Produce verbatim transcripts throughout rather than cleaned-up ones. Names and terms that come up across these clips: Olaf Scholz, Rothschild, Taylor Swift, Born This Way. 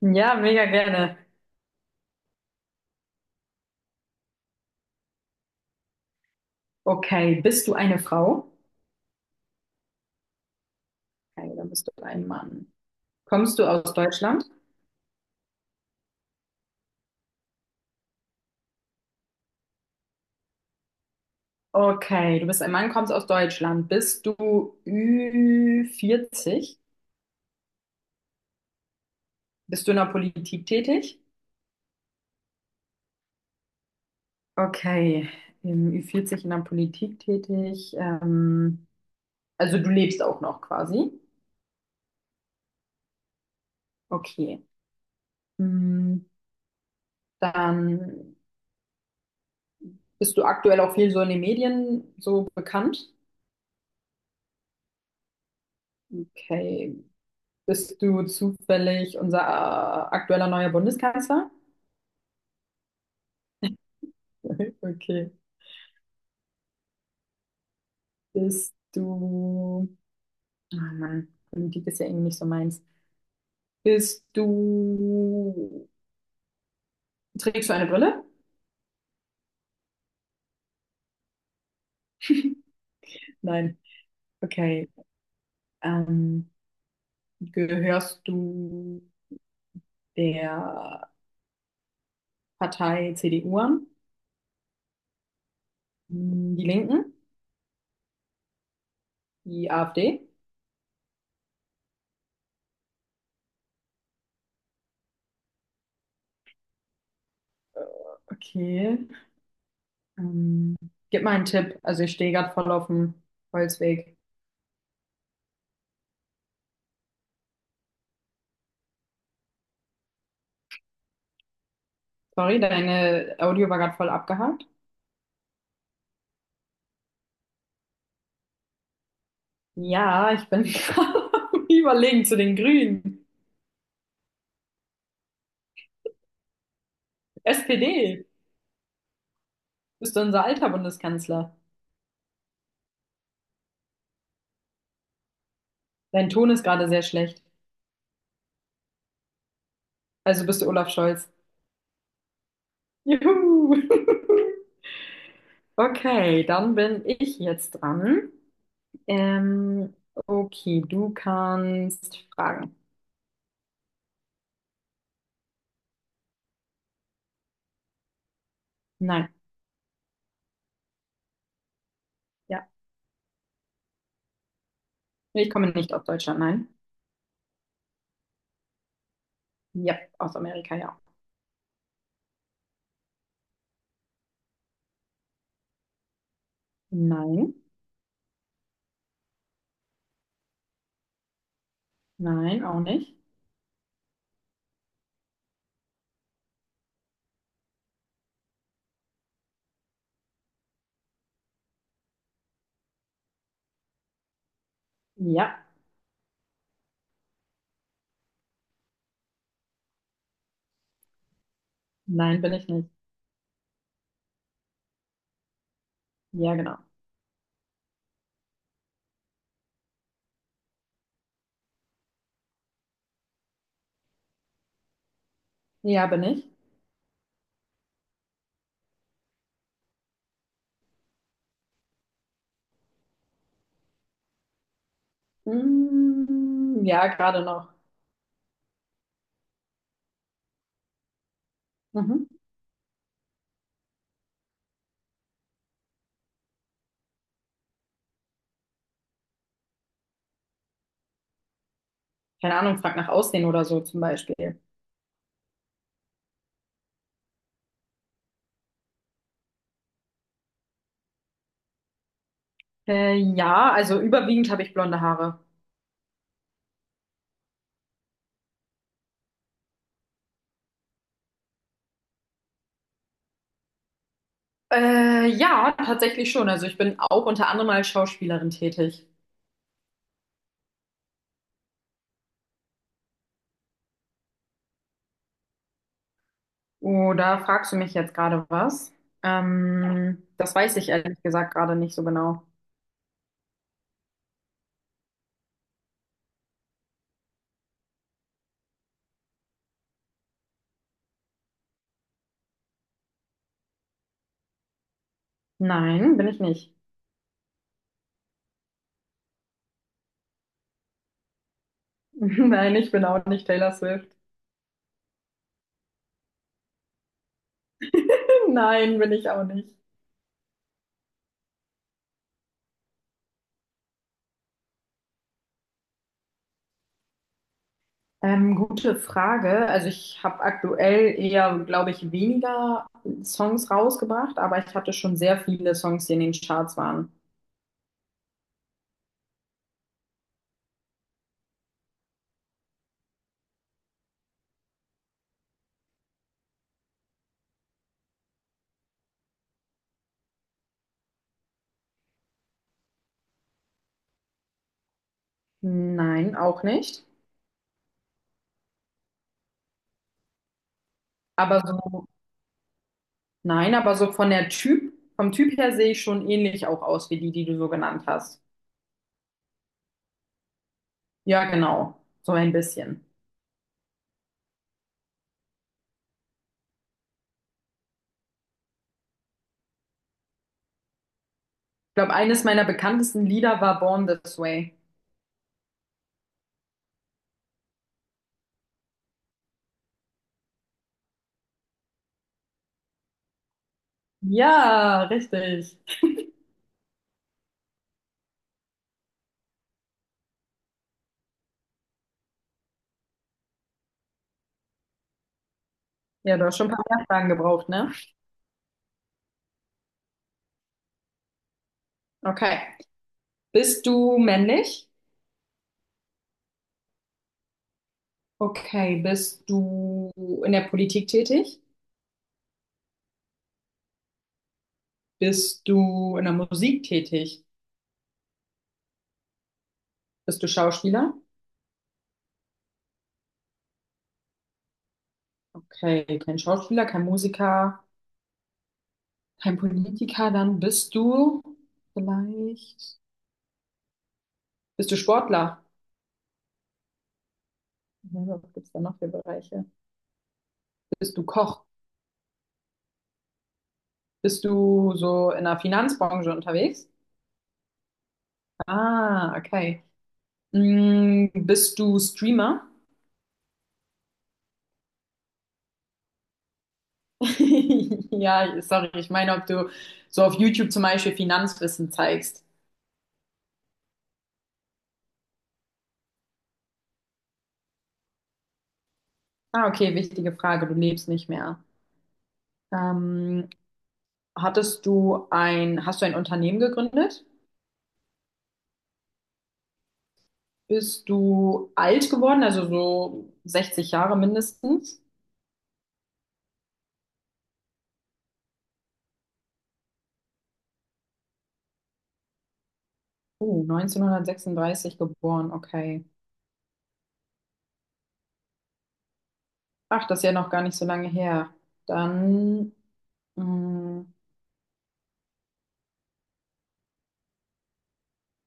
Ja, mega gerne. Okay, bist du eine Frau? Okay, dann bist du ein Mann. Kommst du aus Deutschland? Okay, du bist ein Mann, kommst aus Deutschland. Bist du ü vierzig? Bist du in der Politik tätig? Okay, im ü vierzig in der Politik tätig. Ähm, also du lebst auch noch quasi. Okay. Hm, dann bist du aktuell auch viel so in den Medien so bekannt. Okay, bist du zufällig unser äh, aktueller neuer Bundeskanzler? Okay. Bist du. Oh Mann, Politik ist ja irgendwie nicht so meins. Bist du. Trägst du eine Brille? Nein. Okay. Ähm, Gehörst du der Partei C D U an? Hm, die Linken? Die AfD? Okay. Ähm, Gib mal einen Tipp. Also ich stehe gerade voll auf dem Holzweg. Sorry, deine Audio war gerade voll abgehakt. Ja, ich bin gerade am überlegen zu den Grünen. S P D, bist du unser alter Bundeskanzler? Dein Ton ist gerade sehr schlecht. Also bist du Olaf Scholz. Juhu! Okay, dann bin ich jetzt dran. Ähm, okay, du kannst fragen. Nein, ja. Ich komme nicht aus Deutschland, nein. Ja, aus Amerika, ja. Nein, nein, auch nicht. Ja, nein, bin ich nicht. Ja, genau. Ja, bin ich. Mm, ja, gerade noch. Mhm. Keine Ahnung, frag nach Aussehen oder so zum Beispiel. Äh, ja, also überwiegend habe ich blonde Haare. Äh, ja, tatsächlich schon. Also ich bin auch unter anderem als Schauspielerin tätig. Oder fragst du mich jetzt gerade was? Ähm, das weiß ich ehrlich gesagt gerade nicht so genau. Nein, bin ich nicht. Nein, ich bin auch nicht Taylor Swift. Nein, bin ich auch nicht. Ähm, gute Frage. Also ich habe aktuell eher, glaube ich, weniger Songs rausgebracht, aber ich hatte schon sehr viele Songs, die in den Charts waren. Nein, auch nicht. Aber so, nein, aber so von der Typ, vom Typ her sehe ich schon ähnlich auch aus wie die, die du so genannt hast. Ja, genau. So ein bisschen. Ich glaube, eines meiner bekanntesten Lieder war Born This Way. Ja, richtig. Ja, du hast schon ein paar mehr Fragen gebraucht, ne? Okay. Bist du männlich? Okay, bist du in der Politik tätig? Bist du in der Musik tätig? Bist du Schauspieler? Okay, kein Schauspieler, kein Musiker, kein Politiker, dann bist du vielleicht, bist du Sportler? Hm, was gibt es da noch für Bereiche? Bist du Koch? Bist du so in der Finanzbranche unterwegs? Ah, okay. Hm, bist du Streamer? Ja, sorry, ich meine, ob du so auf YouTube zum Beispiel Finanzwissen zeigst. Ah, okay, wichtige Frage. Du lebst nicht mehr. Ähm, hattest du ein, hast du ein Unternehmen gegründet? Bist du alt geworden, also so sechzig Jahre mindestens? Oh, neunzehnhundertsechsunddreißig geboren, okay. Ach, das ist ja noch gar nicht so lange her. Dann mh,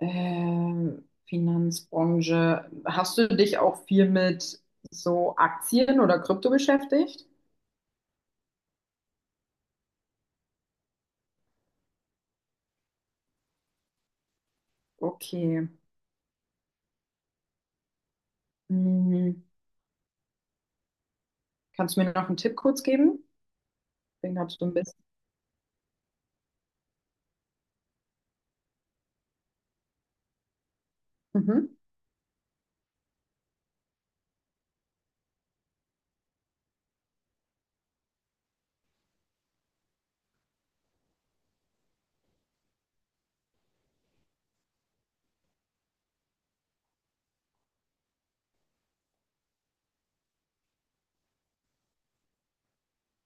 ähm, Finanzbranche. Hast du dich auch viel mit so Aktien oder Krypto beschäftigt? Okay. Mh, kannst du mir noch einen Tipp kurz geben? Deswegen habe ich so ein bisschen. Mhm.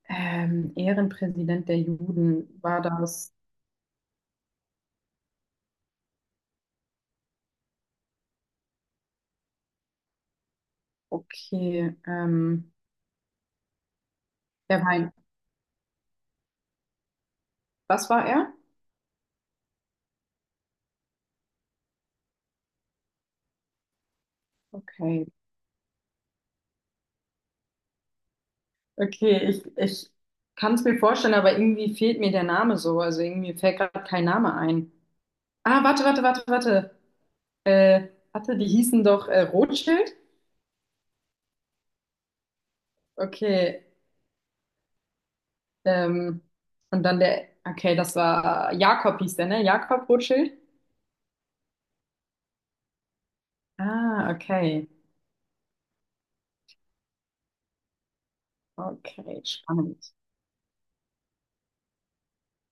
Ähm, Ehrenpräsident der Juden war das. Okay. Ähm, der war ein. Was war er? Okay. Okay, ich, ich kann es mir vorstellen, aber irgendwie fehlt mir der Name so. Also irgendwie fällt gerade kein Name ein. Ah, warte, warte, warte, warte. Äh, warte, die hießen doch äh, Rothschild? Okay. Ähm, und dann der. Okay, das war Jakob hieß der, ne? Jakob Rothschild? Ah, okay. Okay, spannend.